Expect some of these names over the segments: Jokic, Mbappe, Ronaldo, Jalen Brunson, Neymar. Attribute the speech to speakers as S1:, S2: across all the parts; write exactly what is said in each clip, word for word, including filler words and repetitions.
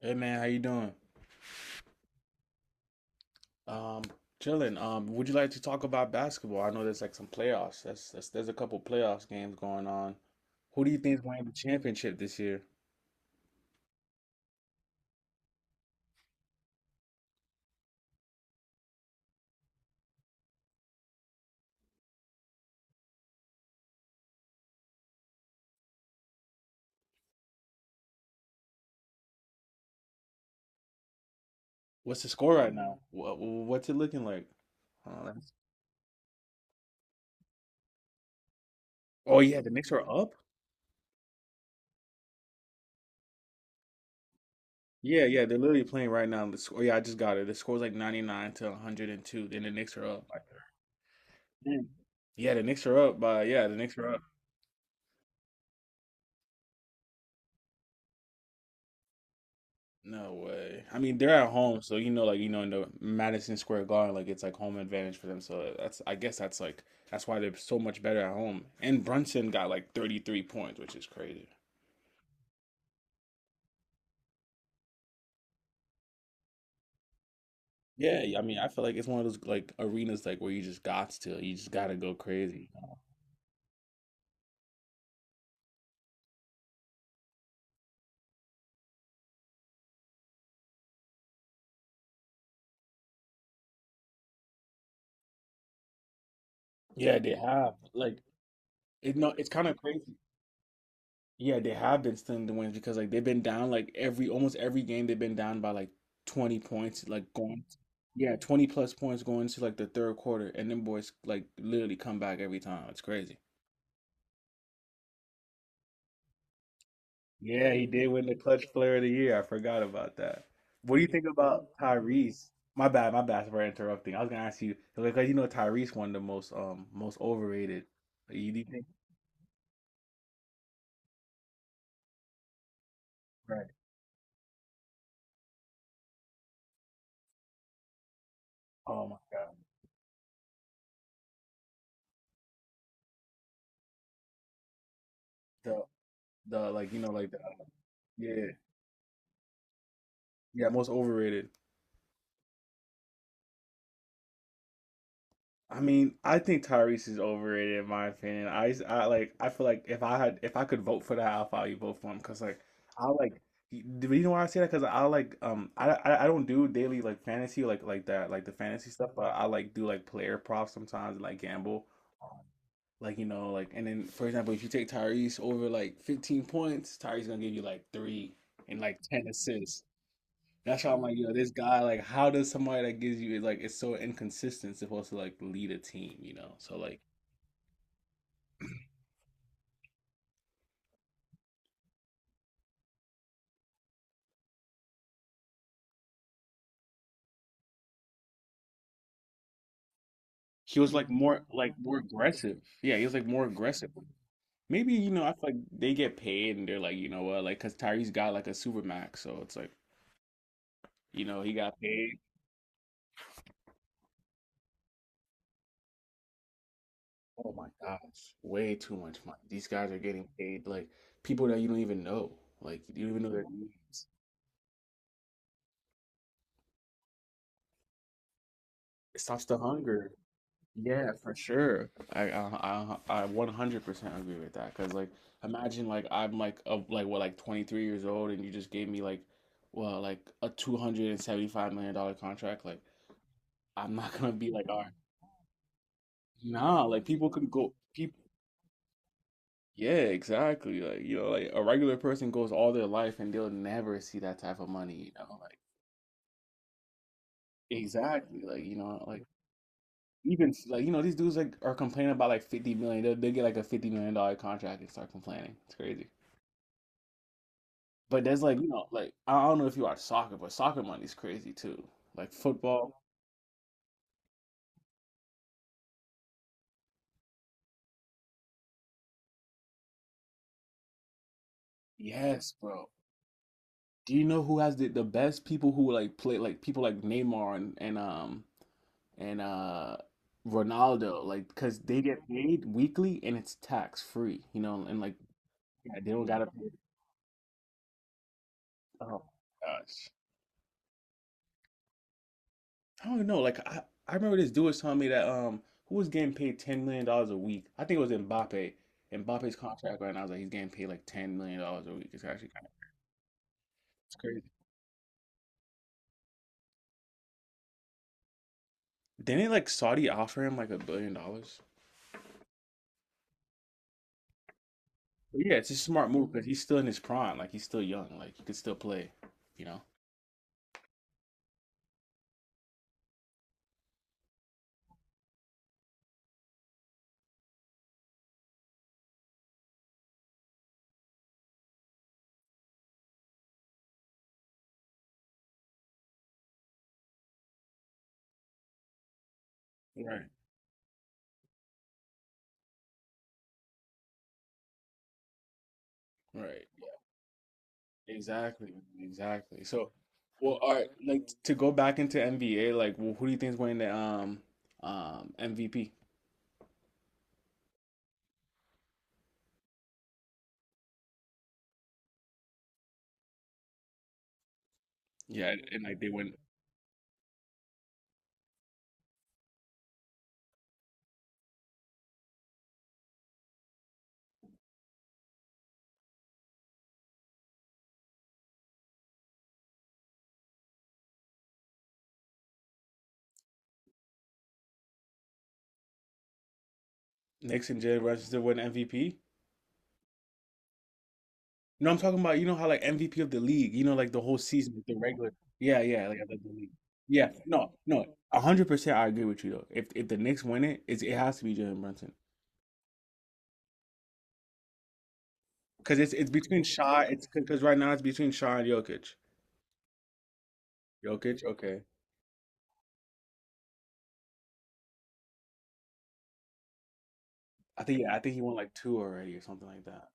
S1: Hey man, how you doing? Um, Chilling. Um, would you like to talk about basketball? I know there's like some playoffs. That's, that's There's a couple playoffs games going on. Who do you think is winning the championship this year? What's the score right now? What, what's it looking like? Uh, let's- oh yeah, the Knicks are up. Yeah, yeah, they're literally playing right now. The score, yeah, I just got it. The score's like ninety nine to one hundred two. Then the Knicks are up. Like, mm, yeah, the Knicks are up by yeah, the Knicks are up. No way. I mean, they're at home, so you know, like you know, in the Madison Square Garden, like it's like home advantage for them. So that's, I guess, that's like that's why they're so much better at home. And Brunson got like thirty three points, which is crazy. Yeah, I mean, I feel like it's one of those like arenas like where you just got to, you just gotta go crazy. Yeah, they have like it. No, it's kind of crazy. Yeah, they have been stealing the wins because like they've been down like every almost every game they've been down by like twenty points like going yeah, twenty plus points going to like the third quarter, and then boys like literally come back every time. It's crazy. Yeah, he did win the clutch player of the year. I forgot about that. What do you think about Tyrese? My bad, my bad for interrupting. I was gonna ask you because you know Tyrese won the most um most overrated. Like, You do you think, right? Oh my God, the the like you know like the, yeah, yeah, most overrated. I mean, I think Tyrese is overrated in my opinion. I, I like, I feel like if I had, if I could vote for that, I'll probably vote for him because like, I like, you you know why I say that? Because I like, um, I, I, I don't do daily like fantasy like like that like the fantasy stuff, but I like do like player props sometimes and like gamble, like you know like and then for example, if you take Tyrese over like fifteen points, Tyrese gonna give you like three and like ten assists. That's why I'm like, yo, this guy, like, how does somebody that gives you like it's so inconsistent supposed to like lead a team, you know? So like he was like more like more aggressive. Yeah, he was like more aggressive. Maybe, you know, I feel like they get paid and they're like, you know what, like because Tyrese got like a super max, so it's like, you know, he got paid. Oh my gosh, way too much money. These guys are getting paid like people that you don't even know. Like you don't even know their names. It stops the hunger. Yeah, for sure. I I I I one hundred percent agree with that. Cause like, imagine like I'm like of like what like twenty three years old, and you just gave me like, well like a 275 million dollar contract. Like, I'm not gonna be like, all right, nah. Like people can go people. Yeah, exactly. Like you know, like a regular person goes all their life and they'll never see that type of money. You know, like exactly. Like you know, like even like you know these dudes like are complaining about like fifty. They'll get like a 50 million dollar contract and start complaining. It's crazy. But there's like, you know, like I don't know if you watch soccer, but soccer money's crazy too. Like football. Yes, bro. Do you know who has the, the best people who like play like people like Neymar and, and um and uh Ronaldo, like because they get paid weekly and it's tax free, you know, and like yeah, they don't gotta pay. Oh gosh. I don't know. Like I, I remember this dude was telling me that um who was getting paid ten million dollars a week. I think it was Mbappe. Mbappe's contract right now is like he's getting paid like ten million dollars a week. It's actually It's crazy. Didn't like Saudi offer him like a billion dollars? But yeah, it's a smart move because he's still in his prime. Like he's still young. Like he could still play. You know. Right. Right. Exactly. Exactly. So, well, all right. Like to go back into N B A, like wh- who do you think is winning the um um M V P? Yeah, and like they win. Knicks and Jalen Brunson still win M V P. You know, I'm talking about, you know how like M V P of the league, you know, like the whole season, like, the regular. Yeah, yeah, like of the league. Yeah, no, no, a hundred percent. I agree with you though. If if the Knicks win it, it's, it has to be Jalen Brunson because it's it's between Shaw. It's because right now it's between Shaw and Jokic. Jokic, okay. I think, yeah, I think he won like two already or something like that.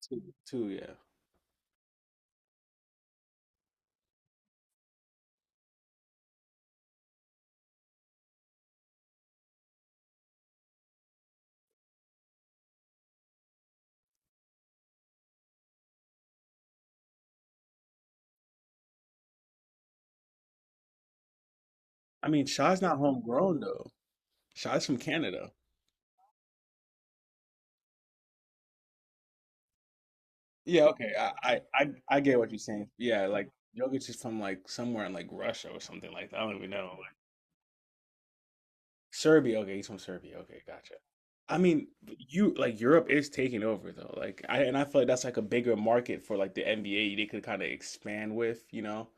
S1: Two, two, yeah. I mean, Shaw's not homegrown though. Shaw's from Canada. Yeah, okay. I I I, I get what you're saying. Yeah, like Jokic is from like somewhere in like Russia or something like that. I don't even know. Serbia. Okay, he's from Serbia. Okay, gotcha. I mean, you like Europe is taking over though. Like I and I feel like that's like a bigger market for like the N B A they could kind of expand with, you know.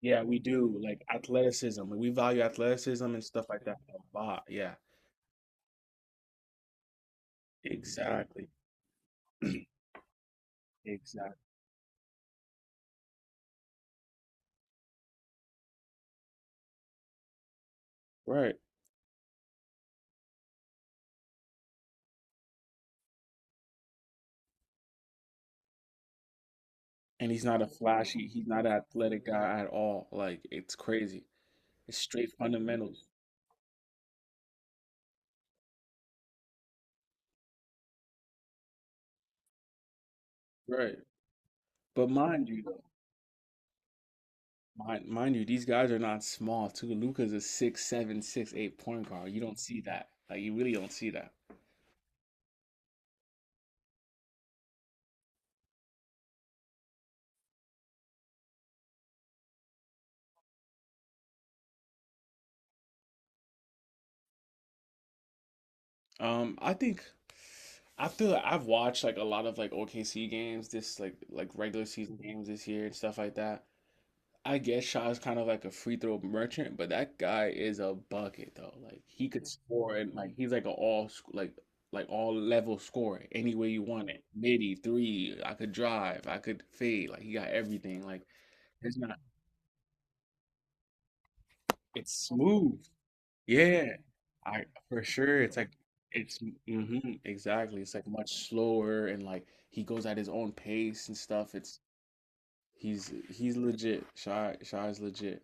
S1: Yeah, we do like athleticism. Like, we value athleticism and stuff like that a lot. Yeah, exactly. Exactly. Right. And he's not a flashy, he's not an athletic guy at all. Like it's crazy. It's straight fundamentals. Right. But mind you, Mind, mind you, these guys are not small too. Luka's a six seven, six eight point guard. You don't see that. Like you really don't see that. Um, I think after I've watched like a lot of like O K C games, this like like regular season games this year and stuff like that. I guess Shaw's kind of like a free throw merchant, but that guy is a bucket though. Like he could score and like he's like a all sc- like like all level scorer any way you want it. Midi three, I could drive, I could fade. Like he got everything. Like it's not. It's smooth. Yeah, I for sure. It's like it's hmm Exactly. It's like much slower and like he goes at his own pace and stuff. It's he's he's legit. Shy Shy is legit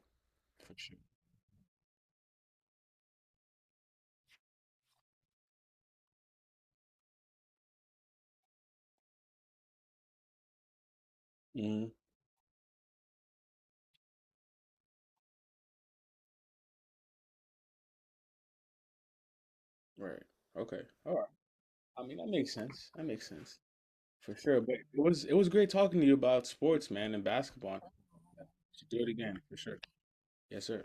S1: for sure. Hmm. Right. Okay. All right. I mean that makes sense. That makes sense for sure. But it was it was great talking to you about sports, man, and basketball. We should do it again for sure. Yes, sir.